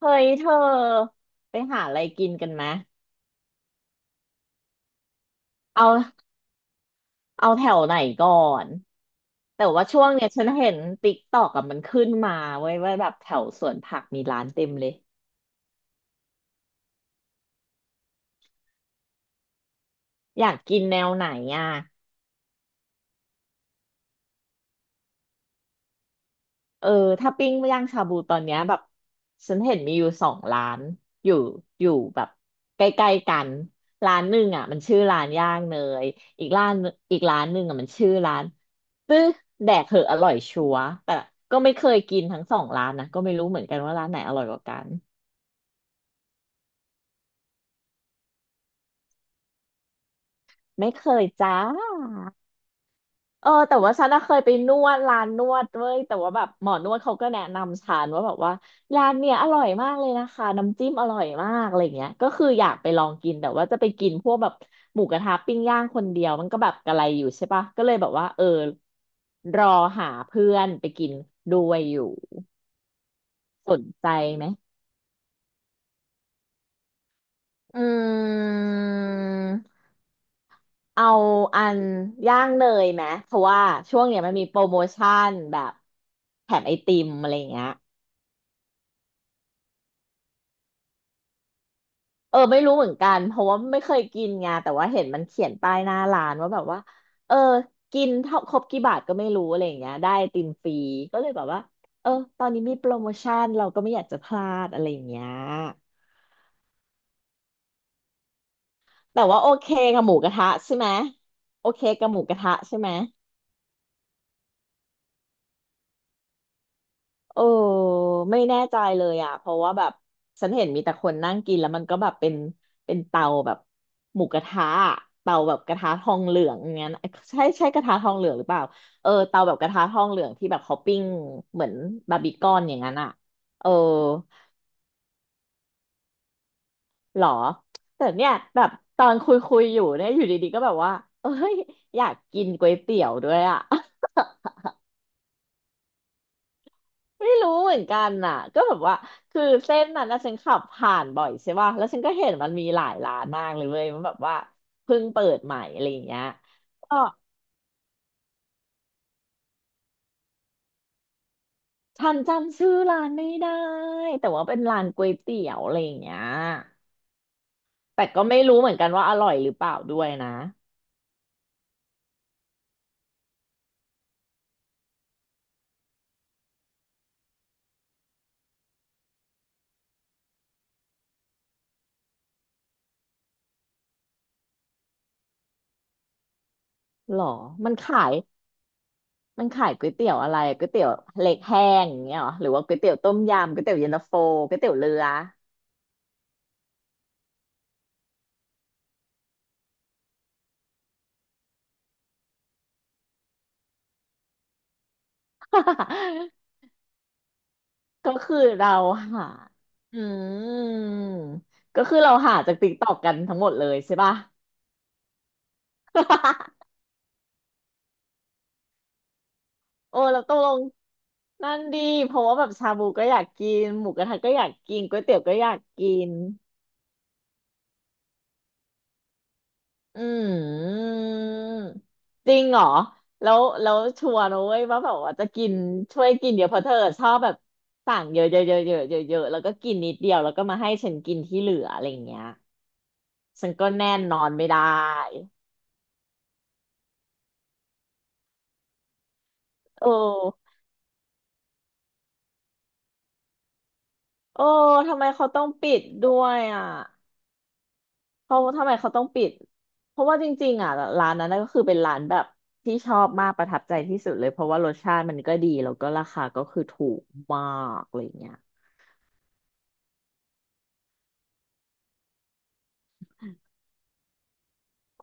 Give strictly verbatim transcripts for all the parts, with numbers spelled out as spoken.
เฮ้ยเธอไปหาอะไรกินกันไหมเอาเอาแถวไหนก่อนแต่ว่าช่วงเนี้ยฉันเห็นติ๊กตอกกับมันขึ้นมาเว้ยว่าแบบแถวสวนผักมีร้านเต็มเลยอยากกินแนวไหนอ่ะ เออถ้าปิ้งย่างชาบูตอนเนี้ยแบบฉันเห็นมีอยู่สองร้านอยู่อยู่แบบใกล้ๆกันร้านหนึ่งอ่ะมันชื่อร้านย่างเนยอีกร้านอีกร้านหนึ่งอ่ะมันชื่อร้านตื้อแดกเหอะอร่อยชัวร์แต่ก็ไม่เคยกินทั้งสองร้านนะก็ไม่รู้เหมือนกันว่าร้านไหนอร่อยกว่ากันไม่เคยจ้า เออแต่ว่าฉันน่ะเคยไปนวดร้านนวดเว้ยแต่ว่าแบบหมอนวดเขาก็แนะนำฉันว่าแบบว่าร้านเนี่ยอร่อยมากเลยนะคะน้ำจิ้มอร่อยมากอะไรเงี้ยก็คืออยากไปลองกินแต่ว่าจะไปกินพวกแบบหมูกระทะปิ้งย่างคนเดียวมันก็แบบกระไรอยู่ใช่ปะก็เลยแบบว่าเออรอหาเพื่อนไปกินด้วยอยู่สนใจไหมอืมเอาอันย่างเนยไหมเพราะว่าช่วงเนี้ยมันมีโปรโมชั่นแบบแถมไอติมอะไรเงี้ย เออไม่รู้เหมือนกันเพราะว่าไม่เคยกินไงแต่ว่าเห็นมันเขียนป้ายหน้าร้านว่าแบบว่าเออกินเท่าครบกี่บาทก็ไม่รู้อะไรอย่างเงี้ยได้ไอติมฟรีก็เลยแบบว่าเออตอนนี้มีโปรโมชั่นเราก็ไม่อยากจะพลาดอะไรอย่างเงี้ยแต่ว่าโอเคกับหมูกระทะใช่ไหมโอเคกับหมูกระทะใช่ไหม เออไม่แน่ใจเลยอ่ะเพราะว่าแบบฉันเห็นมีแต่คนนั่งกินแล้วมันก็แบบเป็นเป็นเตาแบบหมูกระทะอะเตาแบบกระทะทองเหลืองอย่างเงี้ยนะใช่ใช่กระทะทองเหลืองหรือเปล่าเออเตาแบบกระทะทองเหลืองที่แบบเขาปิ้งเหมือนบาร์บีคอนอย่างนั้นอ่ะเออหรอแต่เนี่ยแบบตอนคุยคุยอยู่เนี่ยอยู่ดีๆก็แบบว่าเอ้ยอยากกินก๋วยเตี๋ยวด้วยอ่ะ ไม่รู้เหมือนกันน่ะก็แบบว่าคือเส้นนั้นนะฉันขับผ่านบ่อยใช่ป่ะแล้วฉันก็เห็นมันมีหลายร้านมากเลยเว้ยมันแบบว่าเพิ่งเปิดใหม่อะไรอย่างเงี้ยก็ฉันจำชื่อร้านไม่ได้แต่ว่าเป็นร้านก๋วยเตี๋ยวอะไรอย่างเงี้ยแต่ก็ไม่รู้เหมือนกันว่าอร่อยหรือเปล่าด้วยนะหรอมันขายมันขายก๋วยเตี๋ยวอะไรก๋วยเตี๋ยวเล็กแห้งอย่างเงี้ยหรอหรือว่าก๋วยเตี๋ยวต้มยำก๋วยเตี๋ยวเย็นตาโฟก๋วยเตี๋ยวเรือ ก็คือเราหาอืมก็คือเราหาจากติ๊กตอกกันทั้งหมดเลยใช่ป่ะ โอ้เราตกลงนั่นดีเพราะว่าแบบชาบูก็อยากกินหมูกระทะก็อยากกินก๋วยเตี๋ยวก็อยากกินอืมจริงเหรอแล้วแล้วชัวร์นะเว้ยว่าแบบว่าจะกินช่วยกินเดี๋ยวเพราะเธอชอบแบบสั่งเยอะเยอะเยอะเยอะเยอะเยอะแล้วก็กินนิดเดียวแล้วก็มาให้ฉันกินที่เหลืออะไรอย่างเงี้ยฉันก็แน่นนอนไม่ได้โอ้ เออทำไมเขาต้องปิดด้วยอ่ะเขาทำไมเขาต้องปิดเพราะว่าจริงๆอ่ะร้านนั้นน่ะก็คือเป็นร้านแบบที่ชอบมากประทับใจที่สุดเลยเพราะว่ารสชาติมันก็ดีแล้วก็ราคาก็คือถูกมากอะไรเงี้ย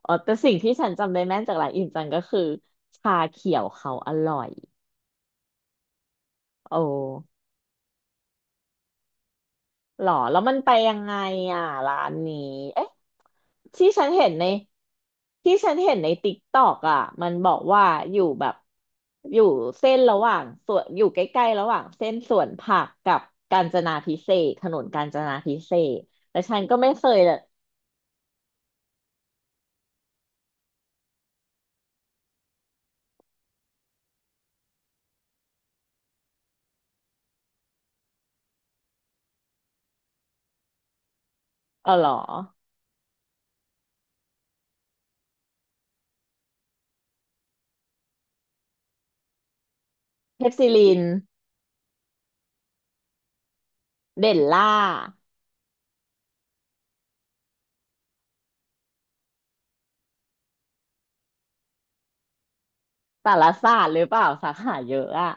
อ๋อแต่สิ่งที่ฉันจำได้แม่นจากร้านอิ่มจังก็คือชาเขียวเขาอร่อยโอ้ หรอแล้วมันไปยังไงอ่ะร้านนี้เอ๊ะที่ฉันเห็นในที่ฉันเห็นในติ๊กตอกอ่ะมันบอกว่าอยู่แบบอยู่เส้นระหว่างส่วนอยู่ใกล้ๆระหว่างเส้นสวนผักกับกาญจนาภิเษกถนนกาญจนาภิเษกแต่ฉันก็ไม่เคยเลยเออหรอเทพศิรินเด่นล่าสารศาสตร์หรือเปล่าสาขาเยอะอ่ะ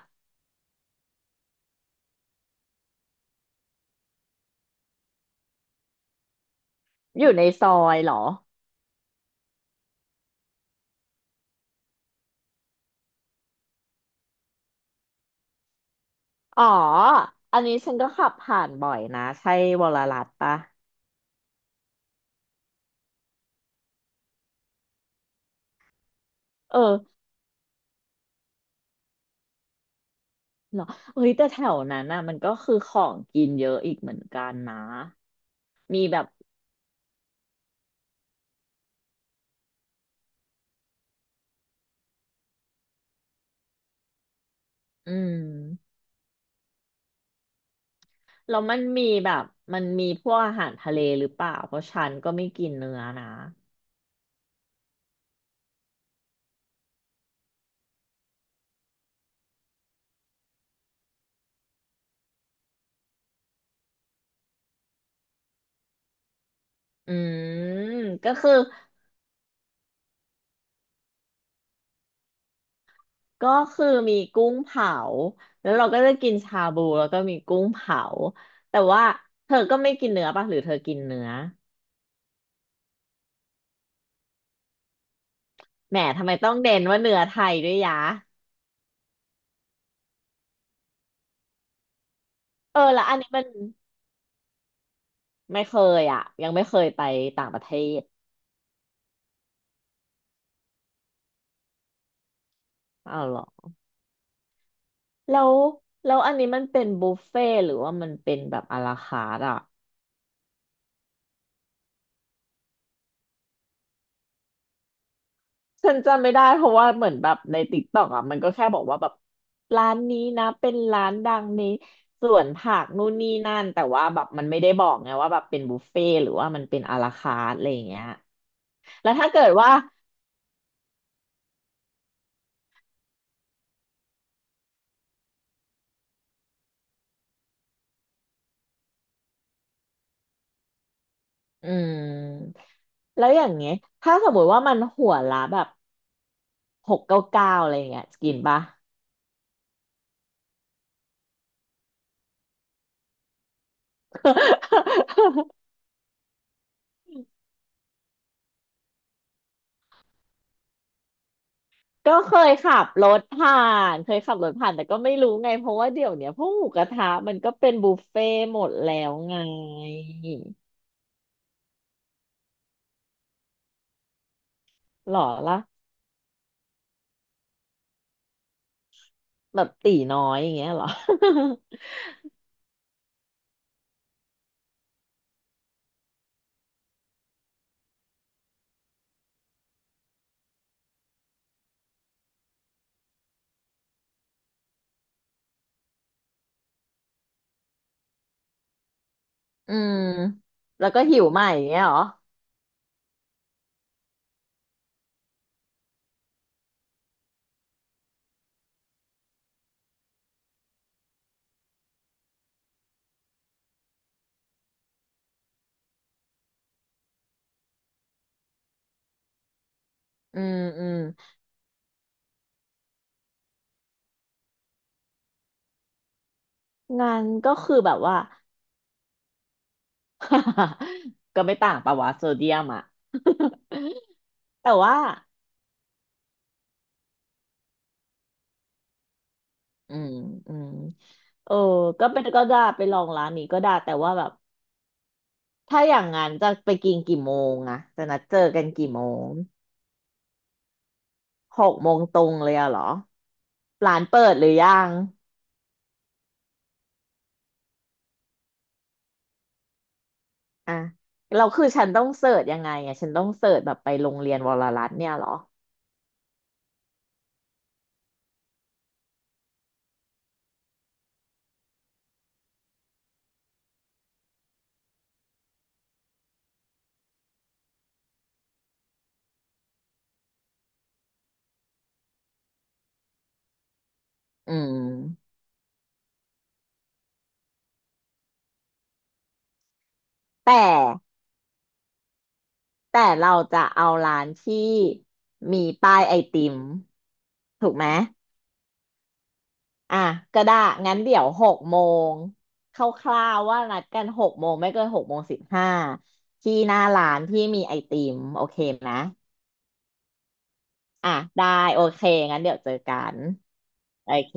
อยู่ในซอยเหรออ๋ออันนี้ฉันก็ขับผ่านบ่อยนะใช่วรรัตน์ปะเออ เหรอเฮ้ยแต่แถวนั้นน่ะมันก็คือของกินเยอะอีกเหมือนกันนะมีแบบอืมแล้วมันมีแบบมันมีพวกอาหารทะเลหรือเปล่าเพราะฉันก็ไม่กินเนื้อนะอืมก็คือก็คือมีกุ้งเผา แล้วเราก็จะกินชาบูแล้วก็มีกุ้งเผา แต่ว่าเธอก็ไม่กินเนื้อป่ะหรือเธอกินเนื้อแหมทำไมต้องเด่นว่าเนื้อไทยด้วยยะเออแล้วอันนี้มันไม่เคยอ่ะยังไม่เคยไปต่างประเทศอาวเหรอ แล้วแล้วอันนี้มันเป็นบุฟเฟ่ต์หรือว่ามันเป็นแบบอาราคาร์ทอ่ะฉันจำไม่ได้เพราะว่าเหมือนแบบในติ๊กต็อกอ่ะมันก็แค่บอกว่าแบบร้านนี้นะเป็นร้านดังในสวนผักนู่นนี่นั่นแต่ว่าแบบมันไม่ได้บอกไงว่าแบบเป็นบุฟเฟ่ต์หรือว่ามันเป็นอาราคาร์ทอะไรอย่างเงี้ยแล้วถ้าเกิดว่าอืมแล้วอย่างเงี้ยถ้าสมมติว่ามันหัวละแบบหกเก้าเก้าอะไรอย่างเงี้ยกินปะ ก็เคยขับรถผ่านเคยขับรถผ่านแต่ก็ไม่รู้ไงเพราะว่าเดี๋ยวเนี้ยพวกหมูกระทะมันก็เป็นบุฟเฟ่ต์หมดแล้วไงหรอล่ะแบบตีน้อยอย่างเงี้ยหรอ อืมแล้วก็หิวใหม่อย่างเงี้ยหรออืมอืมงานก็คือแบบว่า ก็ไม่ต่างปะวะโซเดียมอ่ะ แต่ว่าอืมอืมเออก็เป็นก็ได้ไปลองร้านนี้ก็ได้แต่ว่าแบบ ถ้าอย่างนั้นจะไปกินกี่โมงอะจะนัดเจอกันกี่โมงหกโมงตรงเลยอะเหรอร้านเปิดหรือยังอ่ะเราคือฉันต้องเสิร์ชยังไงอะฉันต้องเสิร์ชแบบไปโรงเรียนวรรัตน์เนี่ยเหรออืมแต่แต่เราจะเอาร้านที่มีป้ายไอติมถูกไหมอ่ะก็ได้งั้นเดี๋ยวหกโมงคร่าวๆว่านัดกันหกโมงไม่เกินหกโมงสิบห้าที่หน้าร้านที่มีไอติมโอเคนะ อ่ะได้โอเคงั้นเดี๋ยวเจอกันโอเค